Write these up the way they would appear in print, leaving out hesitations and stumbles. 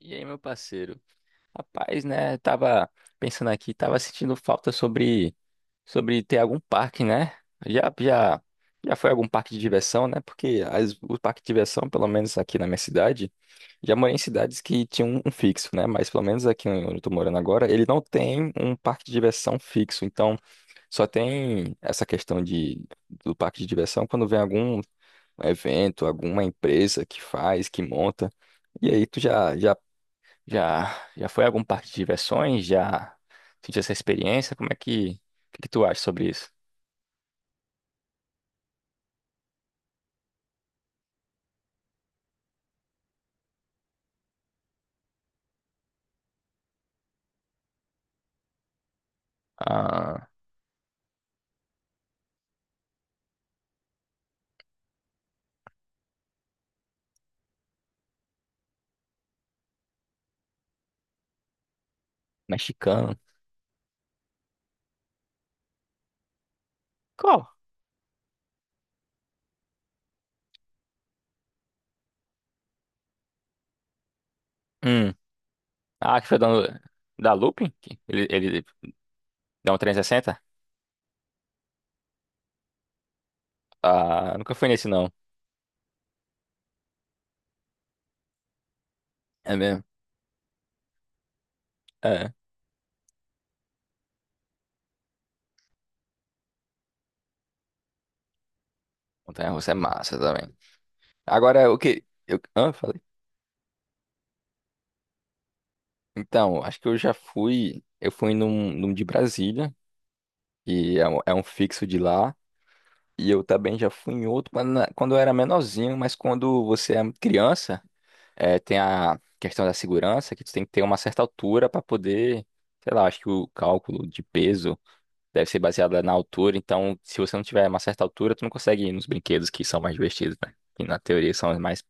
E aí, meu parceiro? Rapaz, né? Tava pensando aqui, tava sentindo falta sobre ter algum parque, né? Já já já foi algum parque de diversão, né? Porque as, o parque de diversão, pelo menos aqui na minha cidade, já morei em cidades que tinham um fixo, né? Mas pelo menos aqui onde eu tô morando agora, ele não tem um parque de diversão fixo. Então, só tem essa questão de do parque de diversão quando vem algum evento, alguma empresa que faz, que monta. E aí, tu já foi a algum parque de diversões? Já sentiu essa experiência? Como é que, que tu acha sobre isso? Ah, mexicano. Qual? Hum. Ah, que foi da Looping? Que Ele dá um 360? Ah, nunca fui nesse não. É mesmo? É. Montanha-russa é massa também. Agora, o que... Eu, falei. Então, acho que eu já fui... Eu fui num de Brasília, que é um fixo de lá. E eu também já fui em outro quando eu era menorzinho, mas quando você é criança... É, tem a questão da segurança, que tu tem que ter uma certa altura para poder, sei lá, acho que o cálculo de peso deve ser baseado na altura, então se você não tiver uma certa altura, tu não consegue ir nos brinquedos que são mais divertidos, né? Que na teoria são os mais,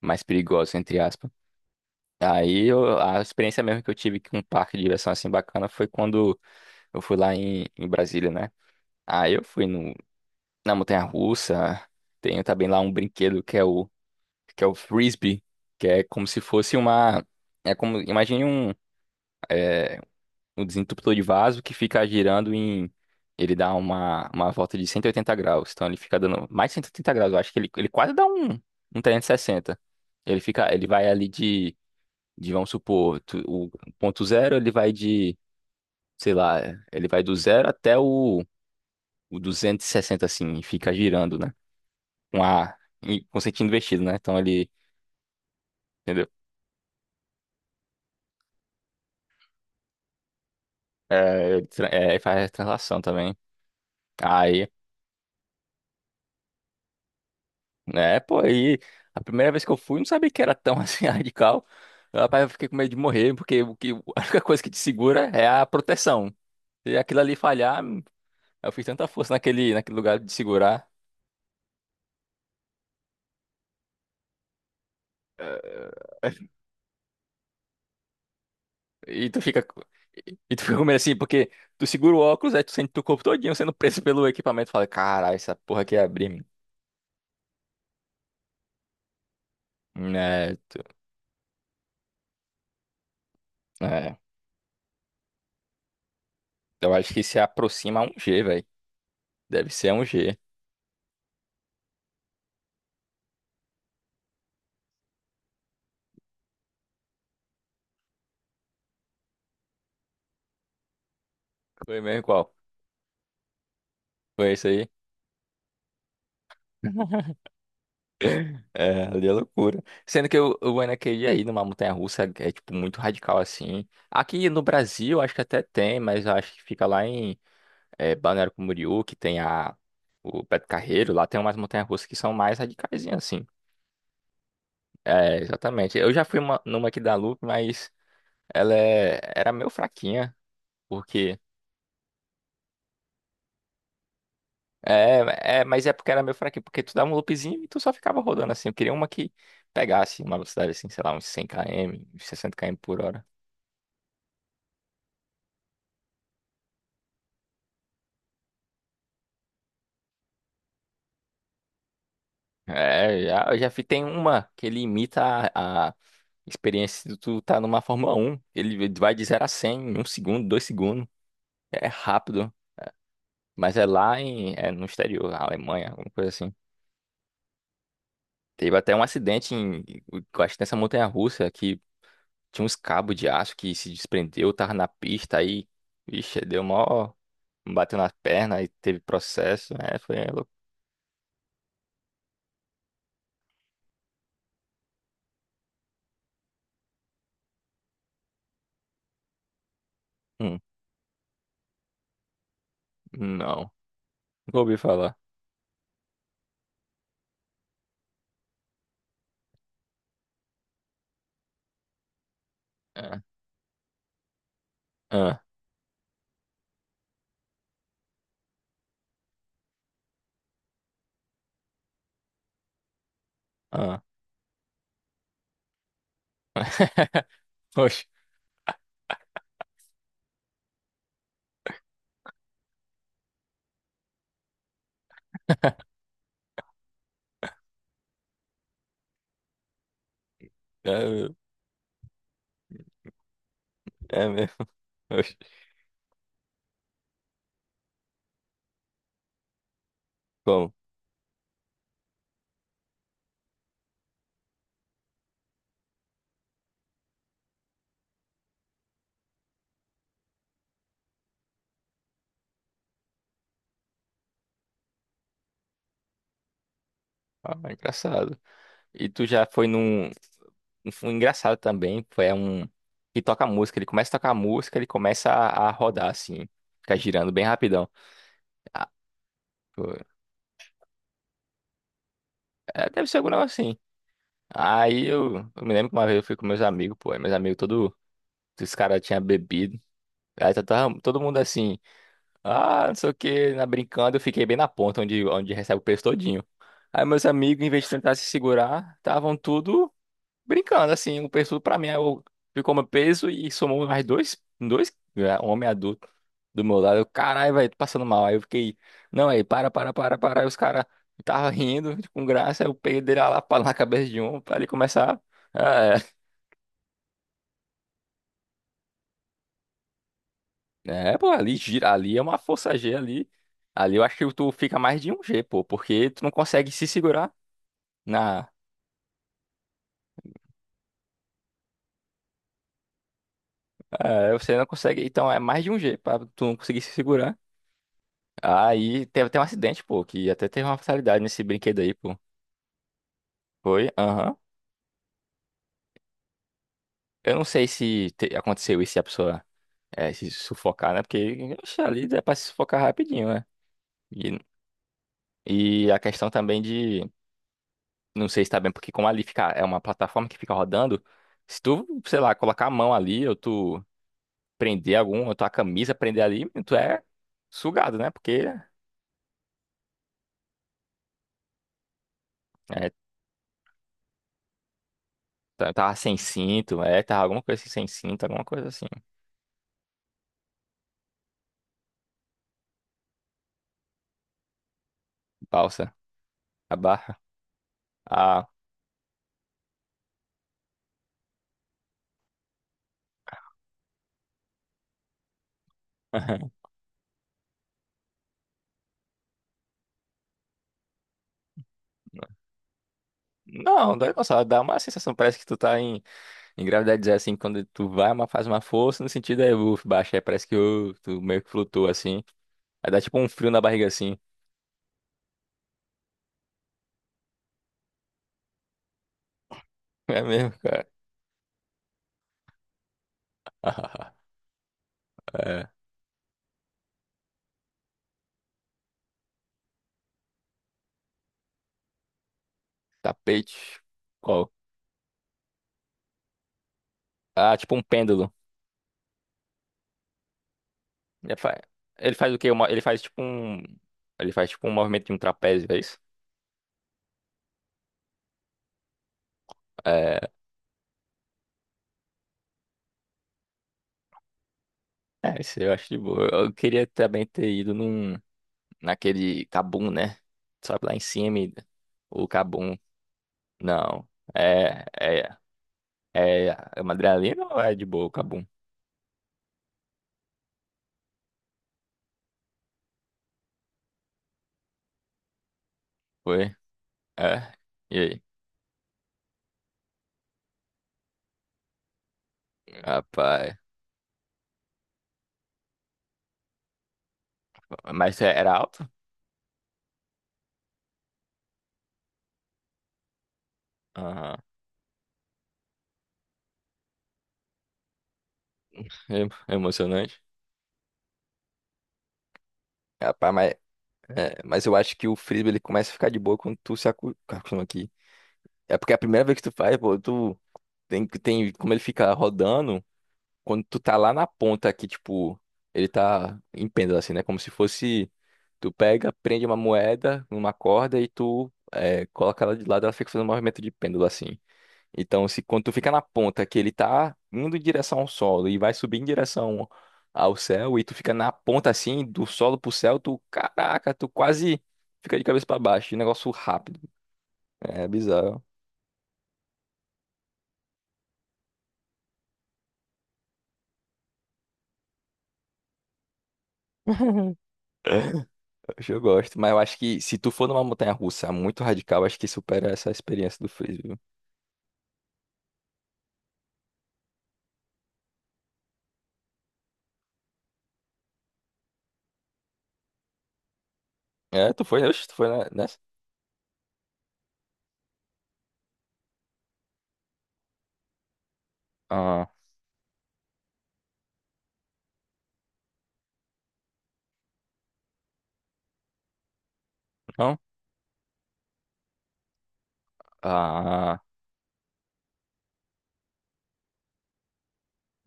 mais perigosos, entre aspas. Aí eu- a experiência mesmo que eu tive com um parque de diversão assim bacana foi quando eu fui lá em Brasília, né? Aí eu fui no, na montanha-russa, tenho também lá um brinquedo que é o frisbee, que é como se fosse uma. É como, imagine um, é, um desentupidor de vaso que fica girando em. Ele dá uma volta de 180 graus. Então ele fica dando mais de 180 graus. Eu acho que ele quase dá um 360. Ele fica, ele vai ali de vamos supor, tu- o ponto zero, ele vai de, sei lá, ele vai do zero até o 260 assim, e fica girando, né? Com a, e- com sentido invertido, né? Então ele, entendeu? É, ele tra- é, ele faz translação também. Aí, né, pô, aí a primeira vez que eu fui, não sabia que era tão assim radical. Rapaz, eu fiquei com medo de morrer, porque o que, a única coisa que te segura é a proteção. Se aquilo ali falhar, eu fiz tanta força naquele lugar de segurar. E tu fica. Co- E tu fica com medo assim, porque tu segura o óculos, aí tu sente teu corpo todinho sendo preso pelo equipamento. Fala, caralho, essa porra aqui é abrir, mano." É, é. Eu acho que se aproxima a um G, velho. Deve ser a um G. Foi mesmo qual? Foi isso aí. É, ali é loucura. Sendo que o Anakin aí numa montanha-russa é, é, tipo muito radical assim. Aqui no Brasil acho que até tem, mas eu acho que fica lá em é, Balneário Camboriú, que tem a o Beto Carreiro, lá tem umas montanhas-russas que são mais radicaisinhas assim. É, exatamente. Eu já fui uma- numa aqui da Loop, mas ela é- era meio fraquinha, porque É, é, mas é porque era meio fraquinho, porque tu dava um loopzinho e tu só ficava rodando assim. Eu queria uma que pegasse uma velocidade assim, sei lá, uns 100 km, uns 60 km por hora. É, já, eu já fi- tem uma que ele imita a experiência de tu tá numa Fórmula Um. Ele vai de 0 a 100 em um segundo, 2 segundos. É rápido, mas é lá em, é no exterior, na Alemanha, alguma coisa assim. Teve até um acidente em, eu acho que nessa montanha-russa que tinha uns cabos de aço que se desprendeu, tava na pista aí. Vixe, deu mó. Bateu na perna e teve processo. É, foi. Louco. Hum, não, nunca ouvi falar. Ah, ah, ah. Oxe, é, mesmo. É mesmo. Oxe, como? Ah, é engraçado. E tu já foi num. Foi engraçado também. Foi um. Que toca música. Ele começa a tocar música, ele começa a rodar assim. Fica girando bem rapidão. Ah, pô, é, deve ser algum negócio assim. Aí eu me lembro que uma vez eu fui com meus amigos, pô. Aí Meus amigos, todo. Os caras tinham bebido. Aí tava todo mundo assim. Ah, não sei o que, na brincando, eu fiquei bem na ponta onde recebe o peso todinho. Aí meus amigos, em vez de tentar se segurar, estavam tudo brincando, assim, o peso tudo pra mim. Aí eu ficou meu peso e somou mais dois, é, um homem adulto do meu lado. Eu, caralho, velho, tô passando mal. Aí eu fiquei, não, aí, para, para, para, para. Aí os caras estavam rindo com graça, aí eu peguei dele lá pra- na cabeça de um, pra ele começar. Ah, é, é, pô, ali gira, ali é uma força G ali. Ali eu acho que tu fica mais de um G, pô, porque tu não consegue se segurar Na, é, você não consegue. Então é mais de um jeito pra tu não conseguir se segurar. Aí teve até um acidente, pô, que até teve uma fatalidade nesse brinquedo aí, pô. Foi? Aham. Eu não sei se te- aconteceu isso e a pessoa é, se sufocar, né? Porque oxe, ali dá pra se sufocar rapidinho, né? E, e a questão também de. Não sei se tá bem, porque como ali fica, é uma plataforma que fica rodando, se tu, sei lá, colocar a mão ali, ou tu prender algum, ou tua camisa prender ali, tu é sugado, né? Porque. É, Tá- Tava sem cinto, é, tava alguma coisa assim, sem cinto, alguma coisa assim. Balsa, a barra, a. Não, dá, nossa, dá uma sensação, parece que tu tá em gravidade zero, assim, quando tu vai, uma, faz uma força, no sentido é, baixa, aí parece que ô, tu meio que flutua, assim. Aí dá tipo um frio na barriga, assim. É mesmo, cara. É. Tapete. Qual? Ah, tipo um pêndulo. Ele faz, ele faz o quê? Uma- Ele faz tipo um... Ele faz tipo um movimento de um trapézio, é isso? É. É, isso eu acho de boa. Eu queria também ter ido num, naquele Cabum, né? Sabe lá em cima, e- o Cabum. Não. É, é, é, é uma adrenalina ou é de boa o Cabum? Foi? É. E aí? Rapaz. Mas é- era alto? Aham. Em- Emocionante. Rapaz, mas, é, mas eu acho que o frisbee ele começa a ficar de boa quando tu se acu- acostuma aqui. É porque é a primeira vez que tu faz, pô, tu tem como ele fica rodando. Quando tu tá lá na ponta que, tipo, ele tá em pêndulo, assim, né? Como se fosse. Tu pega, prende uma moeda numa corda e tu é, coloca ela de lado, ela fica fazendo um movimento de pêndulo, assim. Então, se quando tu fica na ponta que ele tá indo em direção ao solo e vai subir em direção ao céu, e tu fica na ponta assim, do solo pro céu, tu, caraca, tu quase fica de cabeça pra baixo. De Negócio rápido. É bizarro. Hoje eu gosto, mas eu acho que se tu for numa montanha russa muito radical, acho que supera essa experiência do frisbee. Viu? É, tu foi, oxe, tu foi ne- nessa? Ah, não? Ah,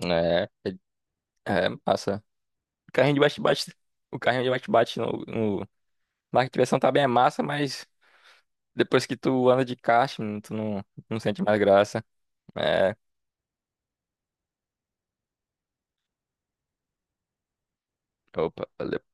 é, é, é massa. O carrinho de bate-bate, o carrinho de bate-bate no, no... na arquitração também é massa, mas depois que tu anda de kart, tu não, não sente mais graça. É, opa, valeu.